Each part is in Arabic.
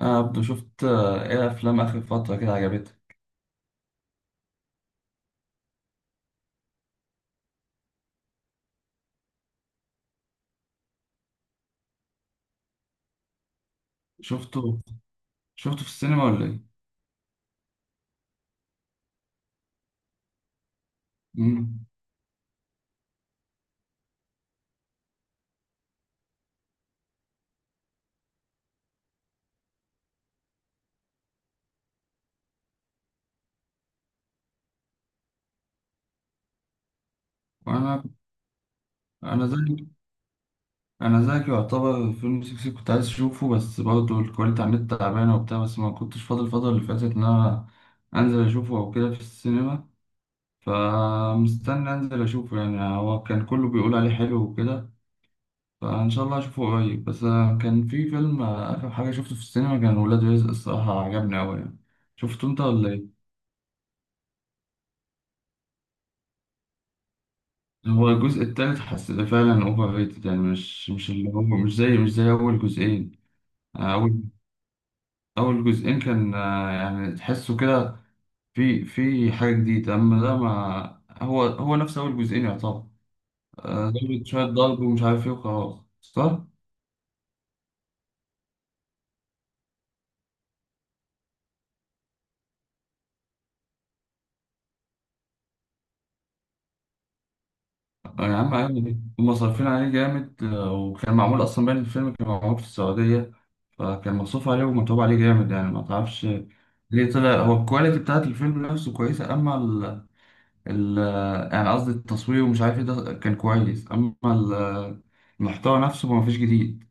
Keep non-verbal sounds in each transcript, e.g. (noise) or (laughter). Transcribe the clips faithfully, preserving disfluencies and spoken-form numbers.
انا عبدو، شفت آه، ايه افلام اخر فتره كده عجبتك؟ شفته، شفته في السينما ولا ايه؟ مم. وانا، انا زيك، انا زيك يعتبر فيلم سيكو سيكو، كنت عايز اشوفه، بس برضه الكواليتي على النت تعبانه وبتاع، بس ما كنتش فاضي الفتره اللي فاتت، ان انا انزل اشوفه او كده في السينما. فمستني انزل اشوفه، يعني هو كان كله بيقول عليه حلو وكده. فان شاء الله اشوفه قريب. بس آه، كان في فيلم آه، اخر حاجه شفته في السينما، كان ولاد رزق، الصراحه عجبني قوي يعني. شفته انت ولا إيه؟ هو الجزء التالت حسيته فعلا اوفر ريتد، يعني مش مش اللي هو مش زي مش زي اول جزئين. اول اول جزئين كان، آه، يعني تحسه كده، في في حاجه جديده. اما ده، ما هو هو نفس اول جزئين يعتبر. آه، ضربة، شويه ضرب ومش عارف ايه وخلاص، صح. آه، يا عم عادي ليه؟ هما صارفين عليه جامد، آه، وكان معمول اصلا، باين الفيلم كان معمول في السعوديه، فكان مصروف عليه ومتعوب عليه جامد، يعني ما تعرفش ليه طلع. هو الكواليتي بتاعت الفيلم نفسه كويسه، اما ال يعني قصدي التصوير ومش عارف ايه، ده كان كويس، اما ال- المحتوى نفسه ما فيش جديد.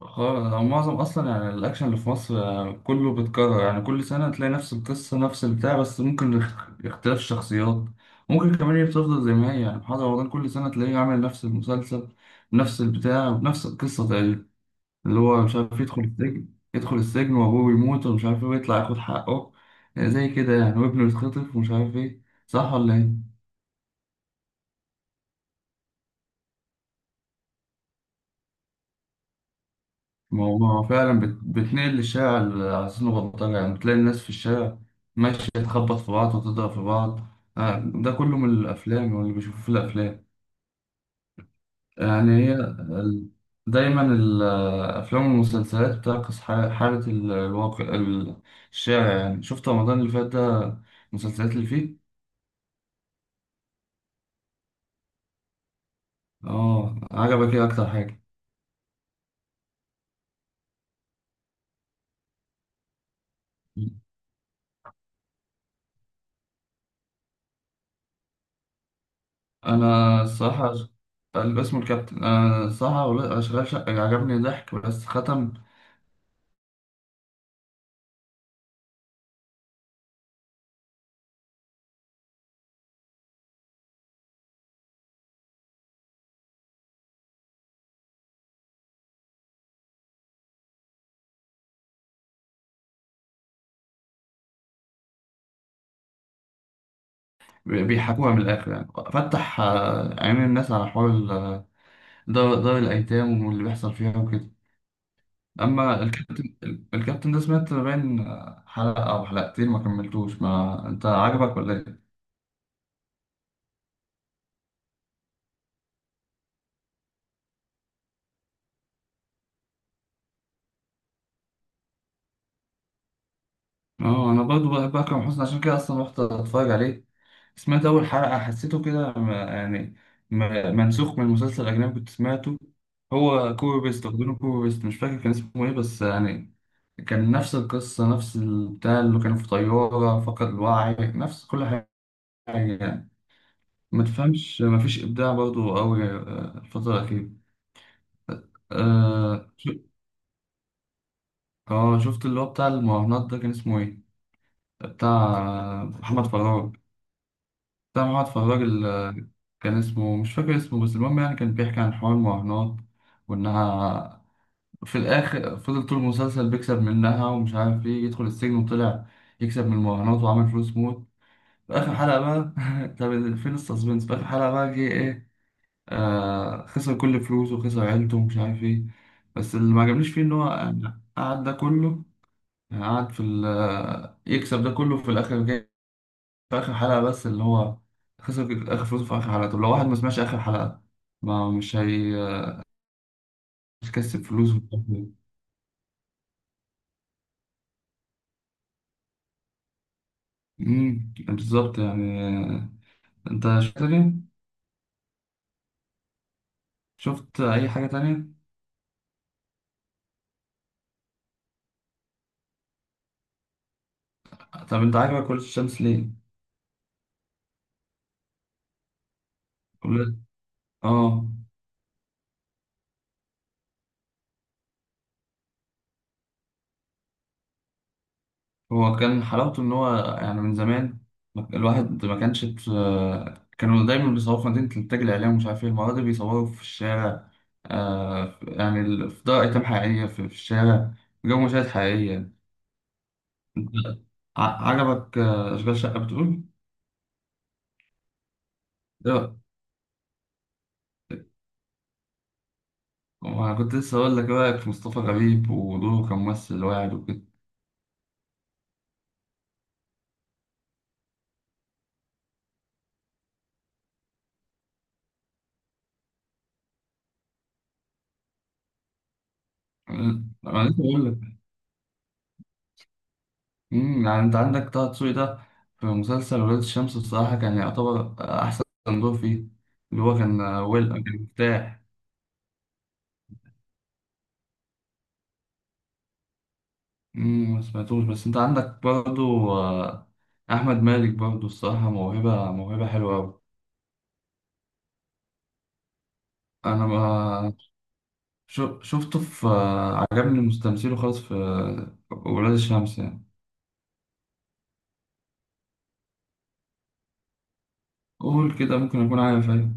خالص. هو معظم اصلا يعني الاكشن اللي في مصر آه، كله بيتكرر، يعني كل سنه تلاقي نفس القصه نفس البتاع، بس ممكن اخ- اختلاف الشخصيات. ممكن كمان هي بتفضل زي ما هي، يعني محمد رمضان كل سنه تلاقيه عامل نفس المسلسل، نفس البتاع، نفس القصه تقريبا. اللي هو مش عارف، يدخل السجن، يدخل السجن وابوه بيموت ومش عارف ايه، ويطلع ياخد حقه. آه، زي كده يعني، وابنه يتخطف ومش عارف ايه، صح ولا ايه؟ ما هو ما هو فعلا بت- بتنقل الشارع على أساس بلطجة، يعني بتلاقي الناس في الشارع ماشية تخبط في بعض وتضرب في بعض. آه، ده كله من الأفلام، واللي بيشوفوه في الأفلام. يعني هي ال- دايما الأفلام والمسلسلات بتعكس ح- حالة ال- الواقع، ال- الشارع، يعني شفت رمضان اللي فات ده، المسلسلات اللي فيه. اه، عجبك ايه أكتر حاجة؟ أنا الصراحة الاسم الكابتن. أنا الصراحة أول- أشغال شقة عجبني، ضحك بس ختم، بيحكوها من الآخر يعني، فتح آه، عينين الناس على حوار ال- دار, دار الأيتام، واللي بيحصل فيها وكده. أما الكابتن، الكابتن ده سمعت باين آه، حلقة أو حلقتين ما كملتوش. ما أنت عجبك ولا إيه؟ اه، انا برضو بحب اكرم حسني، عشان كده اصلا رحت اتفرج عليه، سمعت اول حلقه حسيته كده، م- يعني م- منسوخ من مسلسل اجنبي كنت سمعته. هو كوري، بيست واخدينه، كوري بيست مش فاكر كان اسمه ايه، بس يعني كان نفس القصه، نفس البتاع، اللي كانوا في طياره فقد الوعي، نفس كل حاجه، يعني ما تفهمش، ما فيش ابداع برضو قوي آه، الفتره الاخيره. اه، شو- آه، شفت اللي هو بتاع المراهنات ده، كان اسمه ايه؟ بتاع محمد فراج، سامع واحد فراج ال- كان اسمه، مش فاكر اسمه، بس المهم يعني، كان بيحكي عن حوار المراهنات وإنها، في الآخر فضل طول المسلسل بيكسب منها ومش عارف إيه، يدخل السجن وطلع يكسب من المراهنات وعمل فلوس موت في آخر حلقة بقى. (laughs) طب فين السسبنس؟ في آخر حلقة بقى جه إيه؟ آه، خسر كل فلوسه وخسر عيلته ومش عارف إيه. بس اللي ما عجبنيش فيه إن هو قعد ده كله، يعني قعد في ال- يكسب ده كله في الآخر، في آخر حلقة. بس اللي هو خسر آخر فلوسه في آخر حلقة. طب لو واحد ما سمعش آخر حلقة، ما مش هي مش هيكسب فلوس. امم بالظبط يعني. انت شفت تاني؟ شفت اي حاجة تانية؟ طب انت عاجبك ولاد الشمس ليه؟ ولاد اه. هو كان حلاوته ان هو، يعني من زمان الواحد ما كانش، ت- كانوا دايما بيصوروا في مدينة الإنتاج الإعلامي ومش عارف إيه، المرة دي بيصوروا في الشارع. آه يعني ال- في دار أيتام حقيقية، في في الشارع، جو مشاهد حقيقية. ع- عجبك آه، أشغال شقة بتقول؟ لا. وأنا كنت لسه أقول لك إيه رأيك في مصطفى غريب ودوره كممثل واعد وكده. أنا أنا لسه بقول لك. أمم، يعني أنت عندك طه دسوقي ده، في مسلسل ولاد الشمس بصراحة كان يعتبر آه، أحسن دور فيه، اللي هو كان آه، ويل، كان مرتاح. أمم، ما سمعتوش، بس أنت عندك برضو آه، أحمد مالك برضو، الصراحة موهبة، موهبة حلوة أوي. أنا ما شو- شفته في آه، عجبني مستمثله خالص في آه، ولاد الشمس يعني. قول كده، ممكن أكون عارف، أيوة.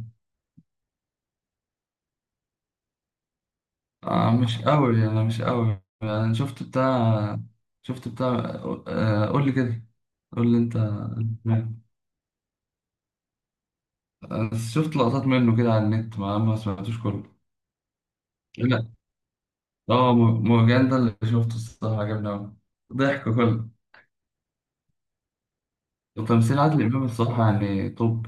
آه، مش أوي، أنا مش أوي، أنا شفت بتاع، شفت بتاع، آه قول لي كده. قول لي أنت، آه، شفت لقطات منه كده على النت، ما ما سمعتوش كله. لا. اه م- مرجان ده اللي شفته الصراحة عجبني أوي، ضحك كله. وتمثيل عادل إمام الصراحة يعني، طب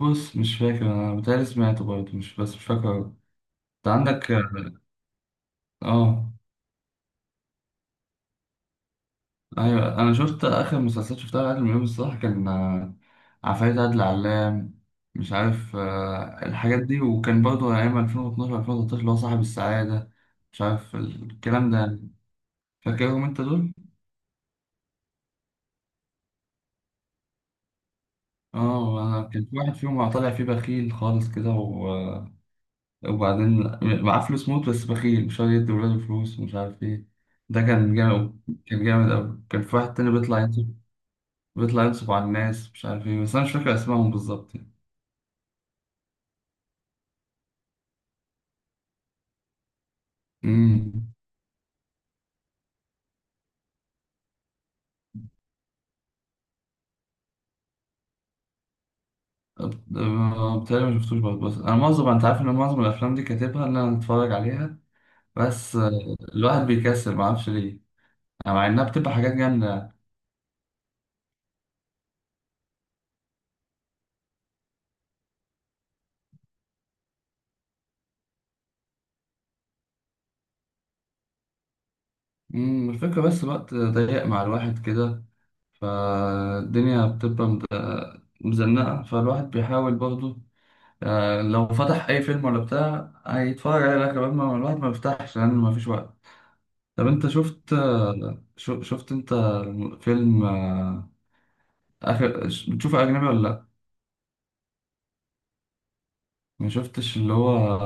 بص مش فاكر، أنا بتهيألي سمعته برضه، مش، بس مش فاكر. أنت عندك اه، آه. ايوه، انا شفت اخر مسلسلات شفتها لعادل امام الصراحه، كان آه، عفاريت عادل علام، مش عارف آه، الحاجات دي، وكان برضه ايام ألفين واتناشر ألفين وتلتاشر، اللي هو صاحب السعاده، مش عارف الكلام ده يعني. فاكرهم انت دول؟ اه، أنا كان في واحد فيهم طالع فيه بخيل خالص كده و- وبعدين معاه فلوس موت، بس بخيل مش راضي يدي ولاده فلوس ومش عارف ايه، ده كان جامد، كان جامد أوي. كان في واحد تاني بيطلع ينصب، بيطلع ينصب على الناس مش عارف ايه، بس انا مش فاكر اسمائهم بالظبط يعني. امم. أه، بتهيألي ما شفتوش برضه، بس انا معظم، انت عارف ان معظم الافلام دي كاتبها ان انا اتفرج عليها، بس أه، الواحد بيكسل ما اعرفش ليه، يعني مع انها بتبقى حاجات جامده يعني. أمم، الفكره بس، الوقت ضيق مع الواحد كده، فالدنيا بتبقى مد- مزنقه، فالواحد بيحاول برضه، أه، لو فتح اي فيلم ولا بتاع هيتفرج عليه لغايه ما، الواحد ما بيفتحش لان ما فيش وقت. طب انت شفت أه، شو- شفت انت فيلم أه، اخر بتشوف اجنبي ولا؟ ما شفتش اللي هو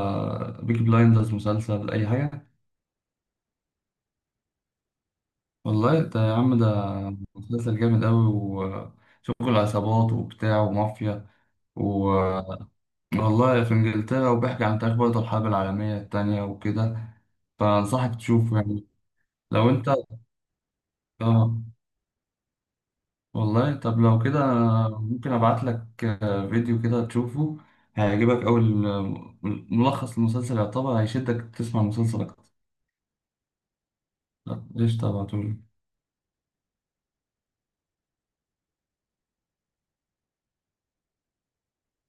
بيك بلايندرز، مسلسل أي حاجة؟ والله ده يا عم، ده مسلسل جامد أوي، وشغل عصابات وبتاع ومافيا و... والله في إنجلترا، وبيحكي عن تاريخ برضه الحرب العالمية التانية وكده، فأنصحك تشوفه يعني. لو أنت آه والله، طب لو كده ممكن أبعت لك فيديو كده تشوفه، هيعجبك أوي ال- ملخص المسلسل يعتبر، هيشدك تسمع المسلسل أكتر. لا، قشطة، أبعتهولك.